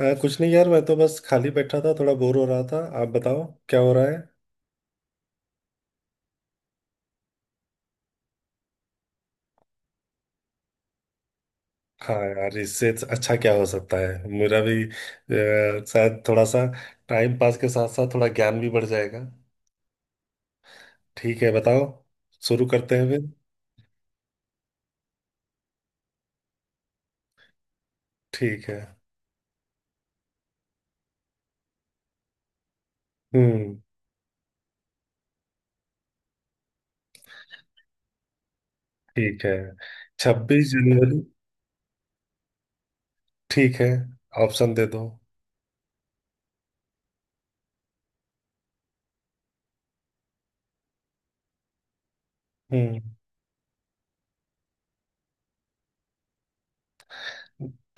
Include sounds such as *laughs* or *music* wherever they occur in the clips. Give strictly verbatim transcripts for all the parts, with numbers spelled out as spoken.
हाँ, कुछ नहीं यार, मैं तो बस खाली बैठा था, थोड़ा बोर हो रहा था। आप बताओ क्या हो रहा है। हाँ यार, इससे अच्छा क्या हो सकता है। मेरा भी अ, शायद थोड़ा सा टाइम पास के साथ साथ थोड़ा ज्ञान भी बढ़ जाएगा। ठीक है, बताओ, शुरू करते हैं फिर। ठीक है। हम्म। ठीक है। छब्बीस जनवरी। ठीक है, ऑप्शन दे दो। हम्म।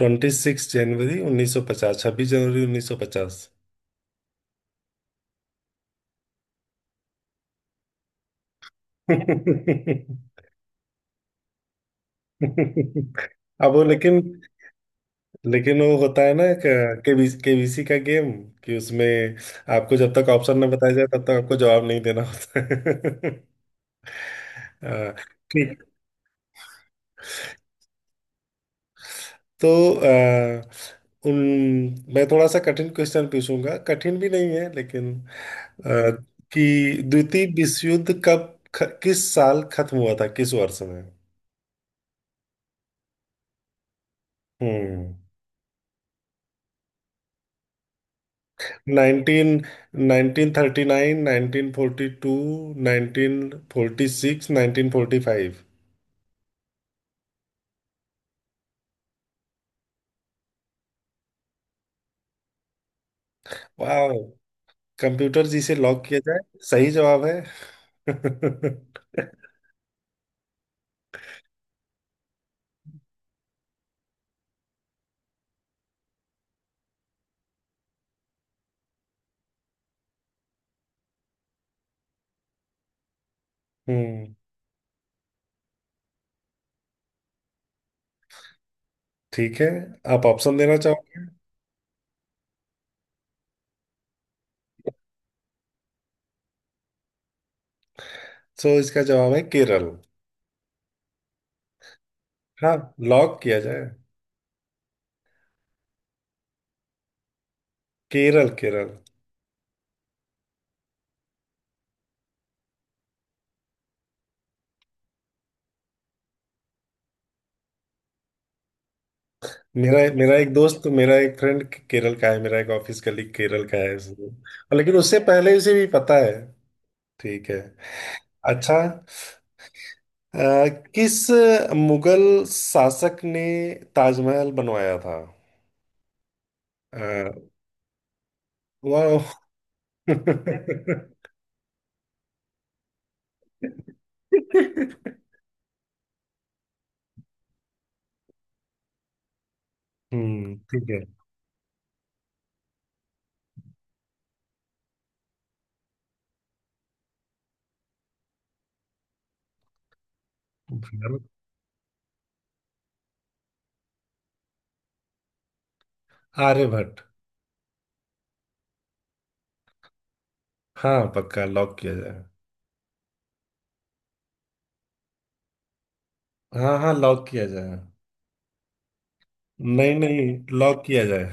ट्वेंटी सिक्स जनवरी उन्नीस सौ पचास। छब्बीस जनवरी उन्नीस सौ पचास। *laughs* अब वो लेकिन। लेकिन वो होता है ना, के बी सी के बी सी का गेम कि उसमें आपको जब तक ऑप्शन ना बताया जाए तब तक आपको जवाब नहीं देना होता है। *laughs* अ, ठीक। तो अ, उन मैं थोड़ा सा कठिन क्वेश्चन पूछूंगा, कठिन भी नहीं है लेकिन अ, कि द्वितीय विश्व युद्ध कब ख, किस साल खत्म हुआ था, किस वर्ष में। हम्म। Nineteen nineteen thirty nine, nineteen forty two, nineteen forty six, nineteen forty five. वाह, कंप्यूटर जिसे लॉक किया जाए। सही जवाब है। *laughs* हम्म। ठीक है। आप ऑप्शन देना चाहोगे? तो इसका जवाब है केरल। हाँ, लॉक किया जाए। केरल, केरल। मेरा मेरा एक दोस्त, मेरा एक फ्रेंड केरल का है, मेरा एक ऑफिस कलीग केरल का है, इसलिए। और लेकिन उससे पहले उसे भी पता है। ठीक है। अच्छा, अ, किस मुगल शासक ने ताजमहल बनवाया था? अ, वाह। *laughs* हम्म। ठीक है। भारत। आर्यभट्ट। हाँ, पक्का लॉक किया जाए। हाँ हाँ, लॉक किया जाए। नहीं नहीं, लॉक किया जाए।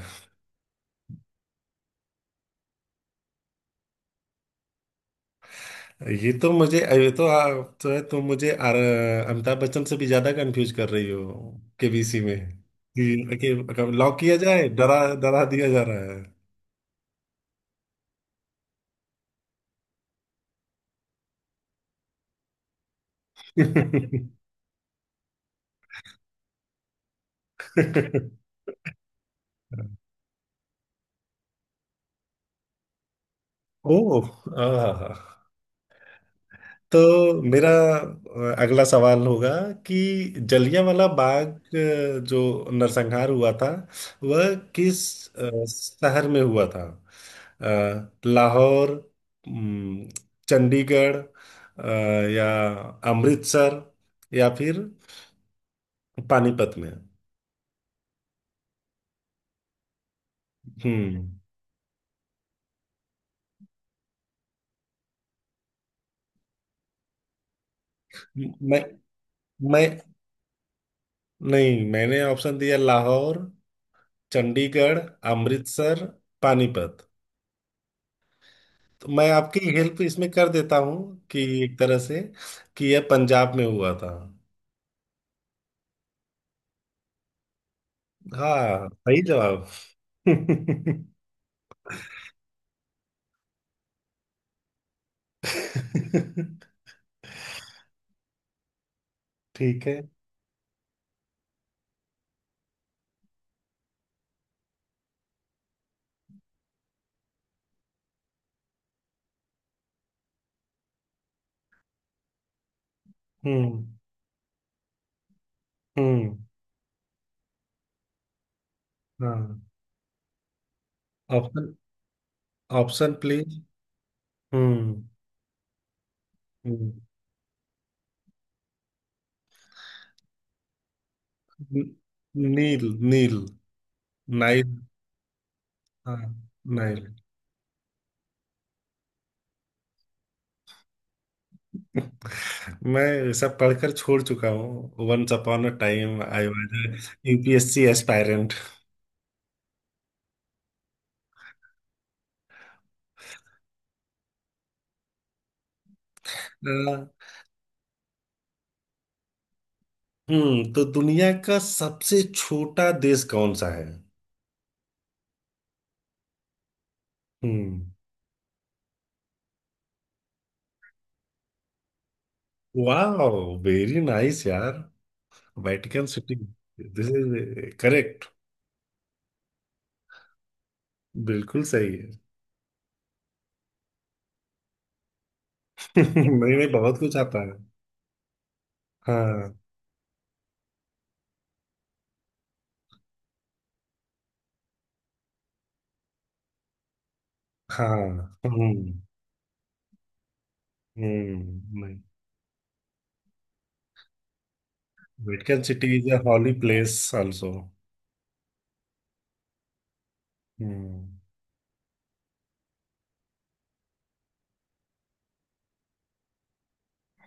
ये तो मुझे ये तो आप तो है तुम मुझे आर- अमिताभ बच्चन से भी ज्यादा कंफ्यूज कर रही हो के बी सी में। कि कि लॉक किया जाए, डरा डरा दिया जा रहा है। *laughs* ओह। आहा। तो मेरा अ, अगला सवाल होगा कि जलियांवाला बाग अ, जो नरसंहार हुआ था वह किस अ, शहर में हुआ था। अ, लाहौर, उम, चंडीगढ़, अ, या अमृतसर, या फिर पानीपत में। हम्म। मैं मैं नहीं, मैंने ऑप्शन दिया लाहौर, चंडीगढ़, अमृतसर, पानीपत। मैं आपकी हेल्प इसमें कर देता हूँ, कि एक तरह से कि यह पंजाब में हुआ था। हाँ, सही जवाब। *laughs* ठीक है। हम्म हम्म। हाँ, ऑप्शन ऑप्शन प्लीज। हम्म, हम्म। नील, नील, नाइल। हाँ, नाइल। *laughs* मैं सब पढ़कर छोड़ चुका हूँ। Once upon a time I was U P S C aspirant. Hmm. तो दुनिया का सबसे छोटा देश कौन सा है? हम्म। वाह, वेरी नाइस यार। Vatican City, this is correct. बिल्कुल सही है। *laughs* नहीं नहीं, बहुत कुछ आता है। हाँ हाँ। हम्म हम्म। नहीं। Vatican City is a holy place also. Hmm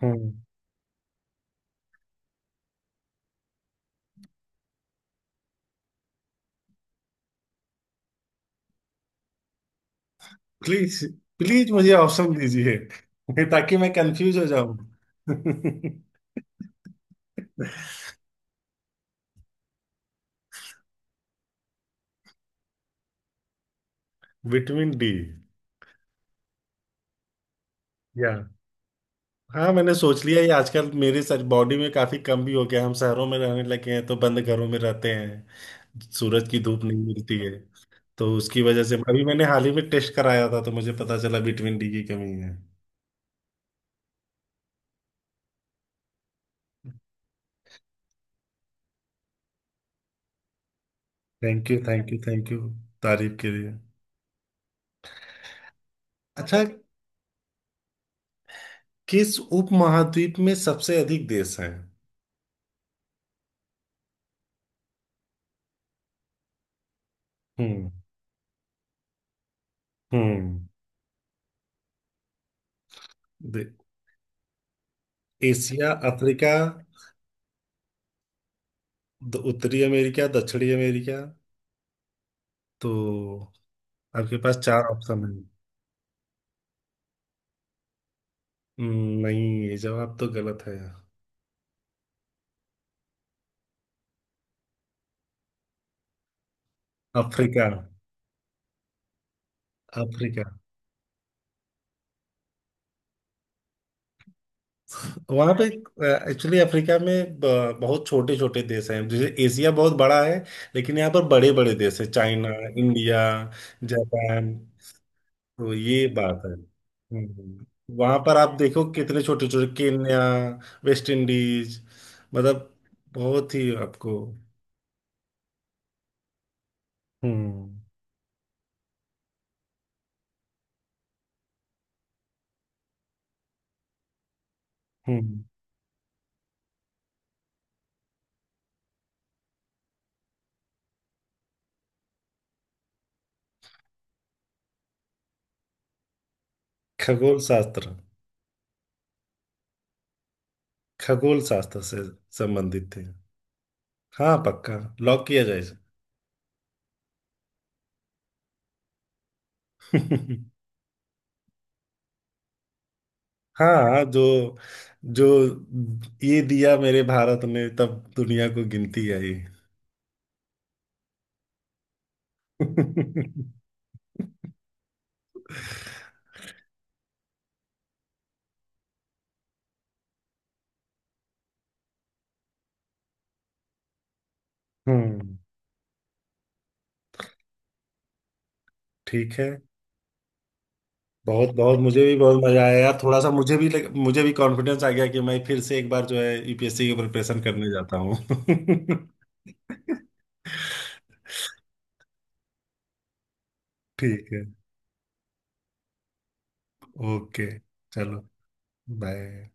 hmm. Please please मुझे ऑप्शन दीजिए, *laughs* ताकि मैं कंफ्यूज हो जाऊं। *laughs* Vitamin D. हाँ, मैंने सोच लिया। ये आजकल मेरे सर बॉडी में काफी कम भी हो गया, हम शहरों में रहने लगे हैं तो बंद घरों में रहते हैं, सूरज की धूप नहीं मिलती है। तो उसकी वजह से अभी मैंने हाल ही में टेस्ट कराया था, तो मुझे पता चला विटामिन डी की कमी है। Thank you, thank you, thank you, तारीफ के लिए। अच्छा, किस उपमहाद्वीप में सबसे अधिक देश हैं? हम्म हम्म। दे- एशिया, अफ्रीका, द- उत्तरी अमेरिका, दक्षिणी अमेरिका। तो आपके पास चार ऑप्शन है। हम्म, नहीं, ये जवाब तो गलत है। अफ्रीका। अफ्रीका। वहां पे एक्चुअली अफ्रीका में ब- बहुत छोटे छोटे देश हैं, जैसे एशिया बहुत बड़ा है। लेकिन यहाँ पर बड़े बड़े देश हैं, चाइना, इंडिया, जापान, तो ये बात है। हम्म। वहां पर आप देखो कितने छोटे छोटे, केन्या, वेस्ट इंडीज, मतलब बहुत ही आपको। हम्म हम्म। खगोल शास्त्र, खगोल शास्त्र से संबंधित थे। हाँ, पक्का लॉक किया जाए इसे। *laughs* हाँ, जो जो ये दिया मेरे भारत ने, तब दुनिया को गिनती आई। *laughs* हम्म। ठीक है। बहुत बहुत मुझे भी बहुत मजा आया यार। थोड़ा सा मुझे भी लग, मुझे भी कॉन्फिडेंस आ गया कि मैं फिर से एक बार जो है यू पी एस सी की प्रिपरेशन करने जाता हूँ। *laughs* ठीक है। ओके। चलो, बाय।